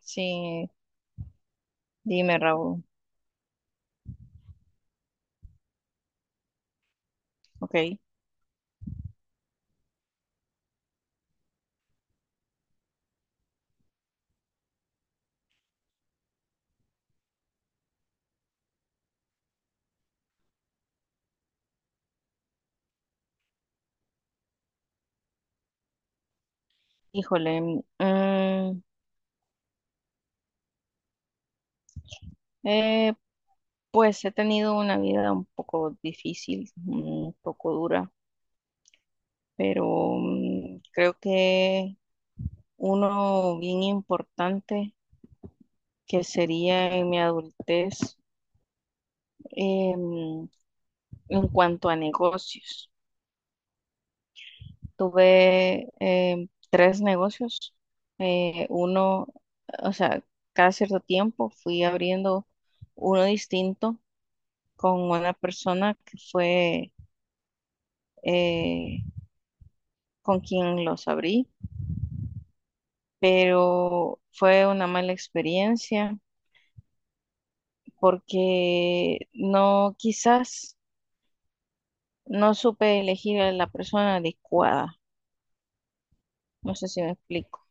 Sí, dime, Raúl. Ok. Híjole. Eh, pues he tenido una vida un poco difícil, un poco dura, pero creo que uno bien importante que sería en mi adultez em, en cuanto a negocios. Tuve tres negocios. Uno, o sea, cada cierto tiempo fui abriendo uno distinto con una persona que fue eh, con quien los abrí, pero fue una mala experiencia porque no, quizás no supe elegir a la persona adecuada. No sé si me explico.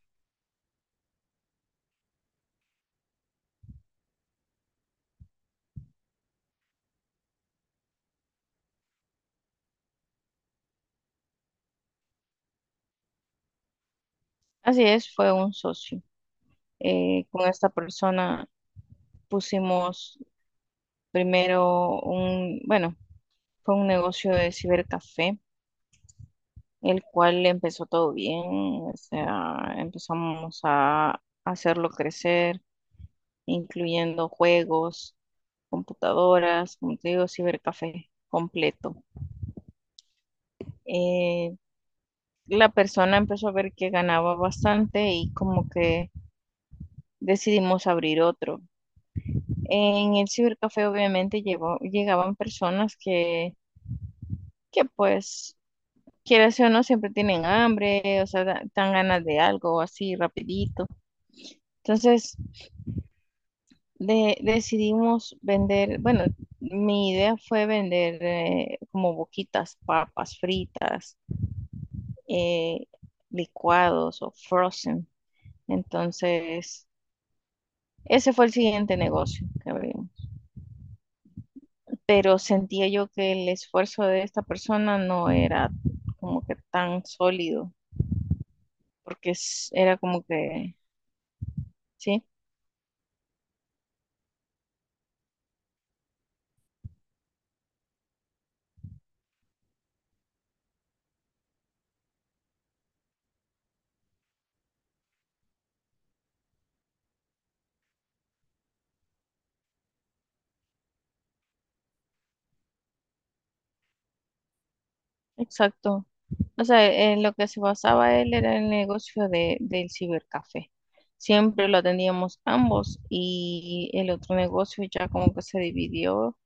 Así es, fue un socio. Con esta persona pusimos primero un, bueno, fue un negocio de cibercafé, el cual empezó todo bien, o sea, empezamos a hacerlo crecer, incluyendo juegos, computadoras, como te digo, cibercafé completo. Eh, la persona empezó a ver que ganaba bastante y como que decidimos abrir otro. En el cibercafé obviamente llegaban personas que pues, quieras o no, siempre tienen hambre, o sea, dan ganas de algo así rapidito. Entonces, decidimos vender, bueno, mi idea fue vender como boquitas, papas fritas, eh, licuados o frozen. Entonces, ese fue el siguiente negocio que abrimos. Pero sentía yo que el esfuerzo de esta persona no era como que tan sólido, porque era como que, sí, exacto. O sea, en lo que se basaba él era el negocio de, del cibercafé. Siempre lo atendíamos ambos y el otro negocio ya como que se dividió,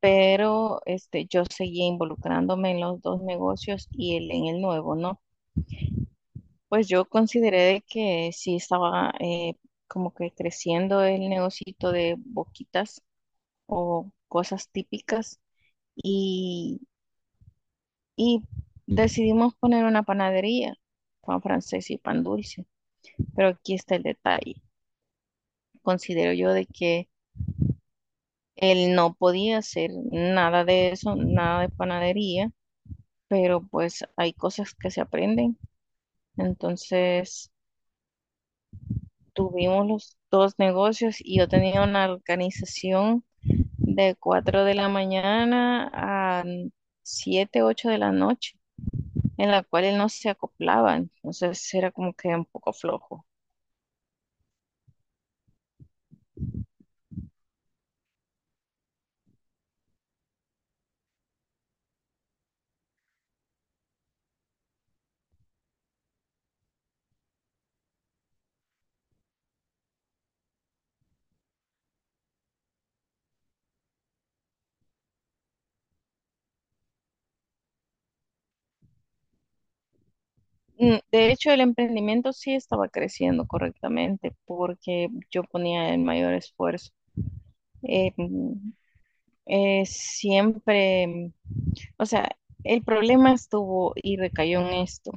pero este, yo seguía involucrándome en los dos negocios y él en el nuevo, ¿no? Pues yo consideré de que sí estaba como que creciendo el negocito de boquitas o cosas típicas y, y decidimos poner una panadería, pan francés y pan dulce. Pero aquí está el detalle. Considero yo de que él no podía hacer nada de eso, nada de panadería, pero pues hay cosas que se aprenden. Entonces tuvimos los dos negocios y yo tenía una organización de 4 de la mañana a 7 8 de la noche, en la cual él no se acoplaba. Entonces era como que un poco flojo. De hecho, el emprendimiento sí estaba creciendo correctamente porque yo ponía el mayor esfuerzo. Eh, mm, Siempre, o sea, el problema estuvo y recayó en esto,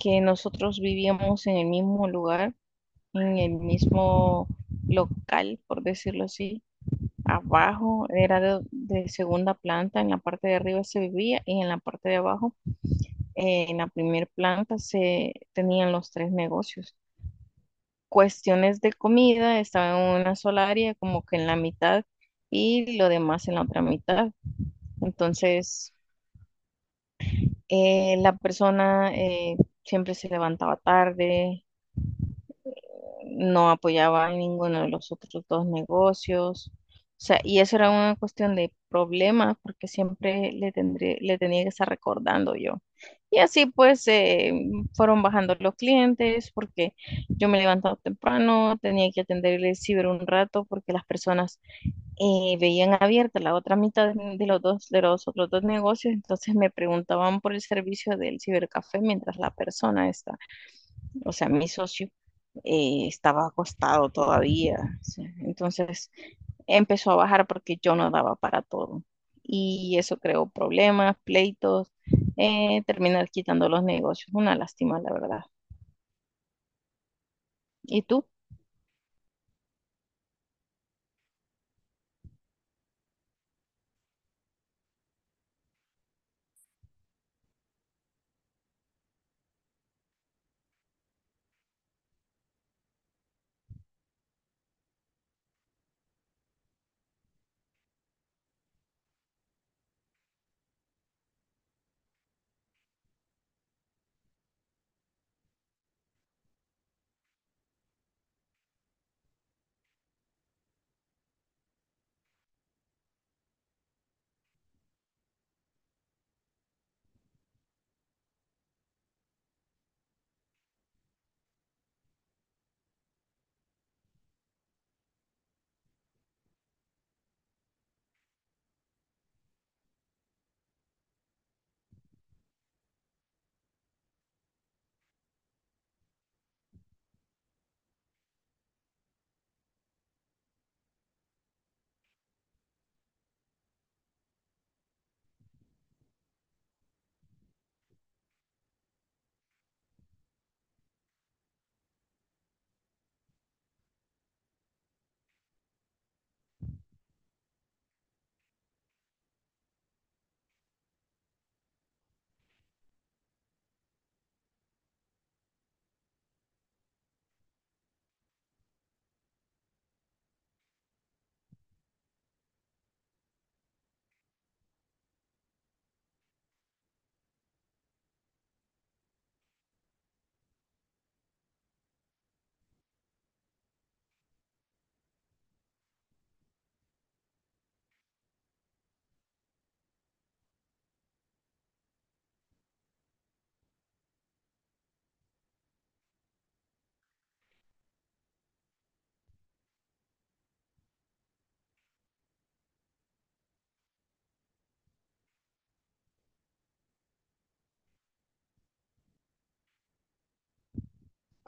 que nosotros vivíamos en el mismo lugar, en el mismo local, por decirlo así. Abajo era de segunda planta, en la parte de arriba se vivía y en la parte de abajo, en la primera planta se tenían los tres negocios. Cuestiones de comida, estaba en una sola área, como que en la mitad, y lo demás en la otra mitad. Entonces, la persona siempre se levantaba tarde, no apoyaba a ninguno de los otros dos negocios. O sea, y eso era una cuestión de problemas porque siempre le tenía que estar recordando yo. Y así pues fueron bajando los clientes porque yo me levantaba temprano, tenía que atender el ciber un rato porque las personas veían abierta la otra mitad de de los otros dos negocios, entonces me preguntaban por el servicio del cibercafé mientras la persona estaba, o sea, mi socio, estaba acostado todavía. ¿Sí? Entonces empezó a bajar porque yo no daba para todo. Y eso creó problemas, pleitos, terminar quitando los negocios. Una lástima, la verdad. ¿Y tú?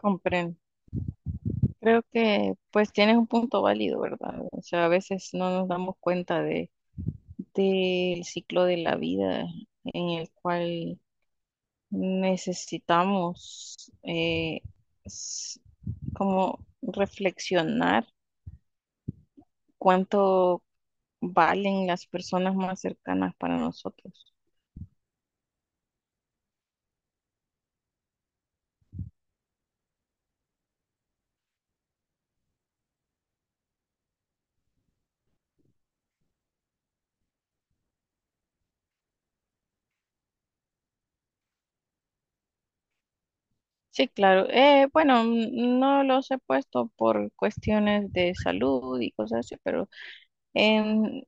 Comprendo. Creo que pues tienes un punto válido, ¿verdad? O sea, a veces no nos damos cuenta de, del ciclo de la vida en el cual necesitamos eh, s- como reflexionar cuánto valen las personas más cercanas para nosotros. Sí, claro. Bueno, no los he puesto por cuestiones de salud y cosas así, pero em,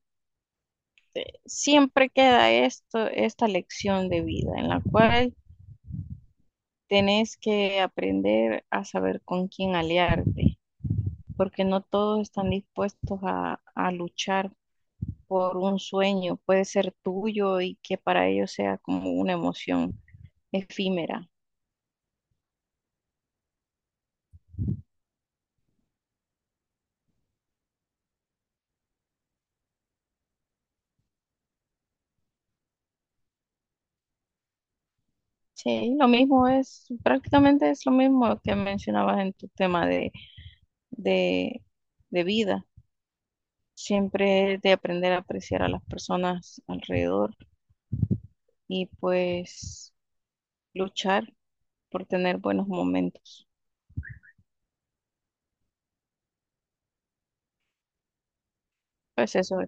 siempre queda esto, esta lección de vida en la cual tenés que aprender a saber con quién aliarte, porque no todos están dispuestos a luchar por un sueño, puede ser tuyo y que para ellos sea como una emoción efímera. Sí, lo mismo es, prácticamente es lo mismo que mencionabas en tu tema de, de vida. Siempre es de aprender a apreciar a las personas alrededor y pues luchar por tener buenos momentos. Pues eso,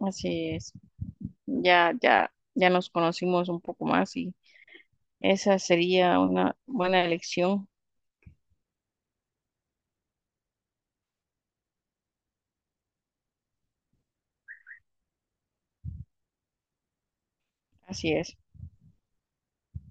así es. Ya, ya, ya nos conocimos un poco más y esa sería una buena elección. Así es.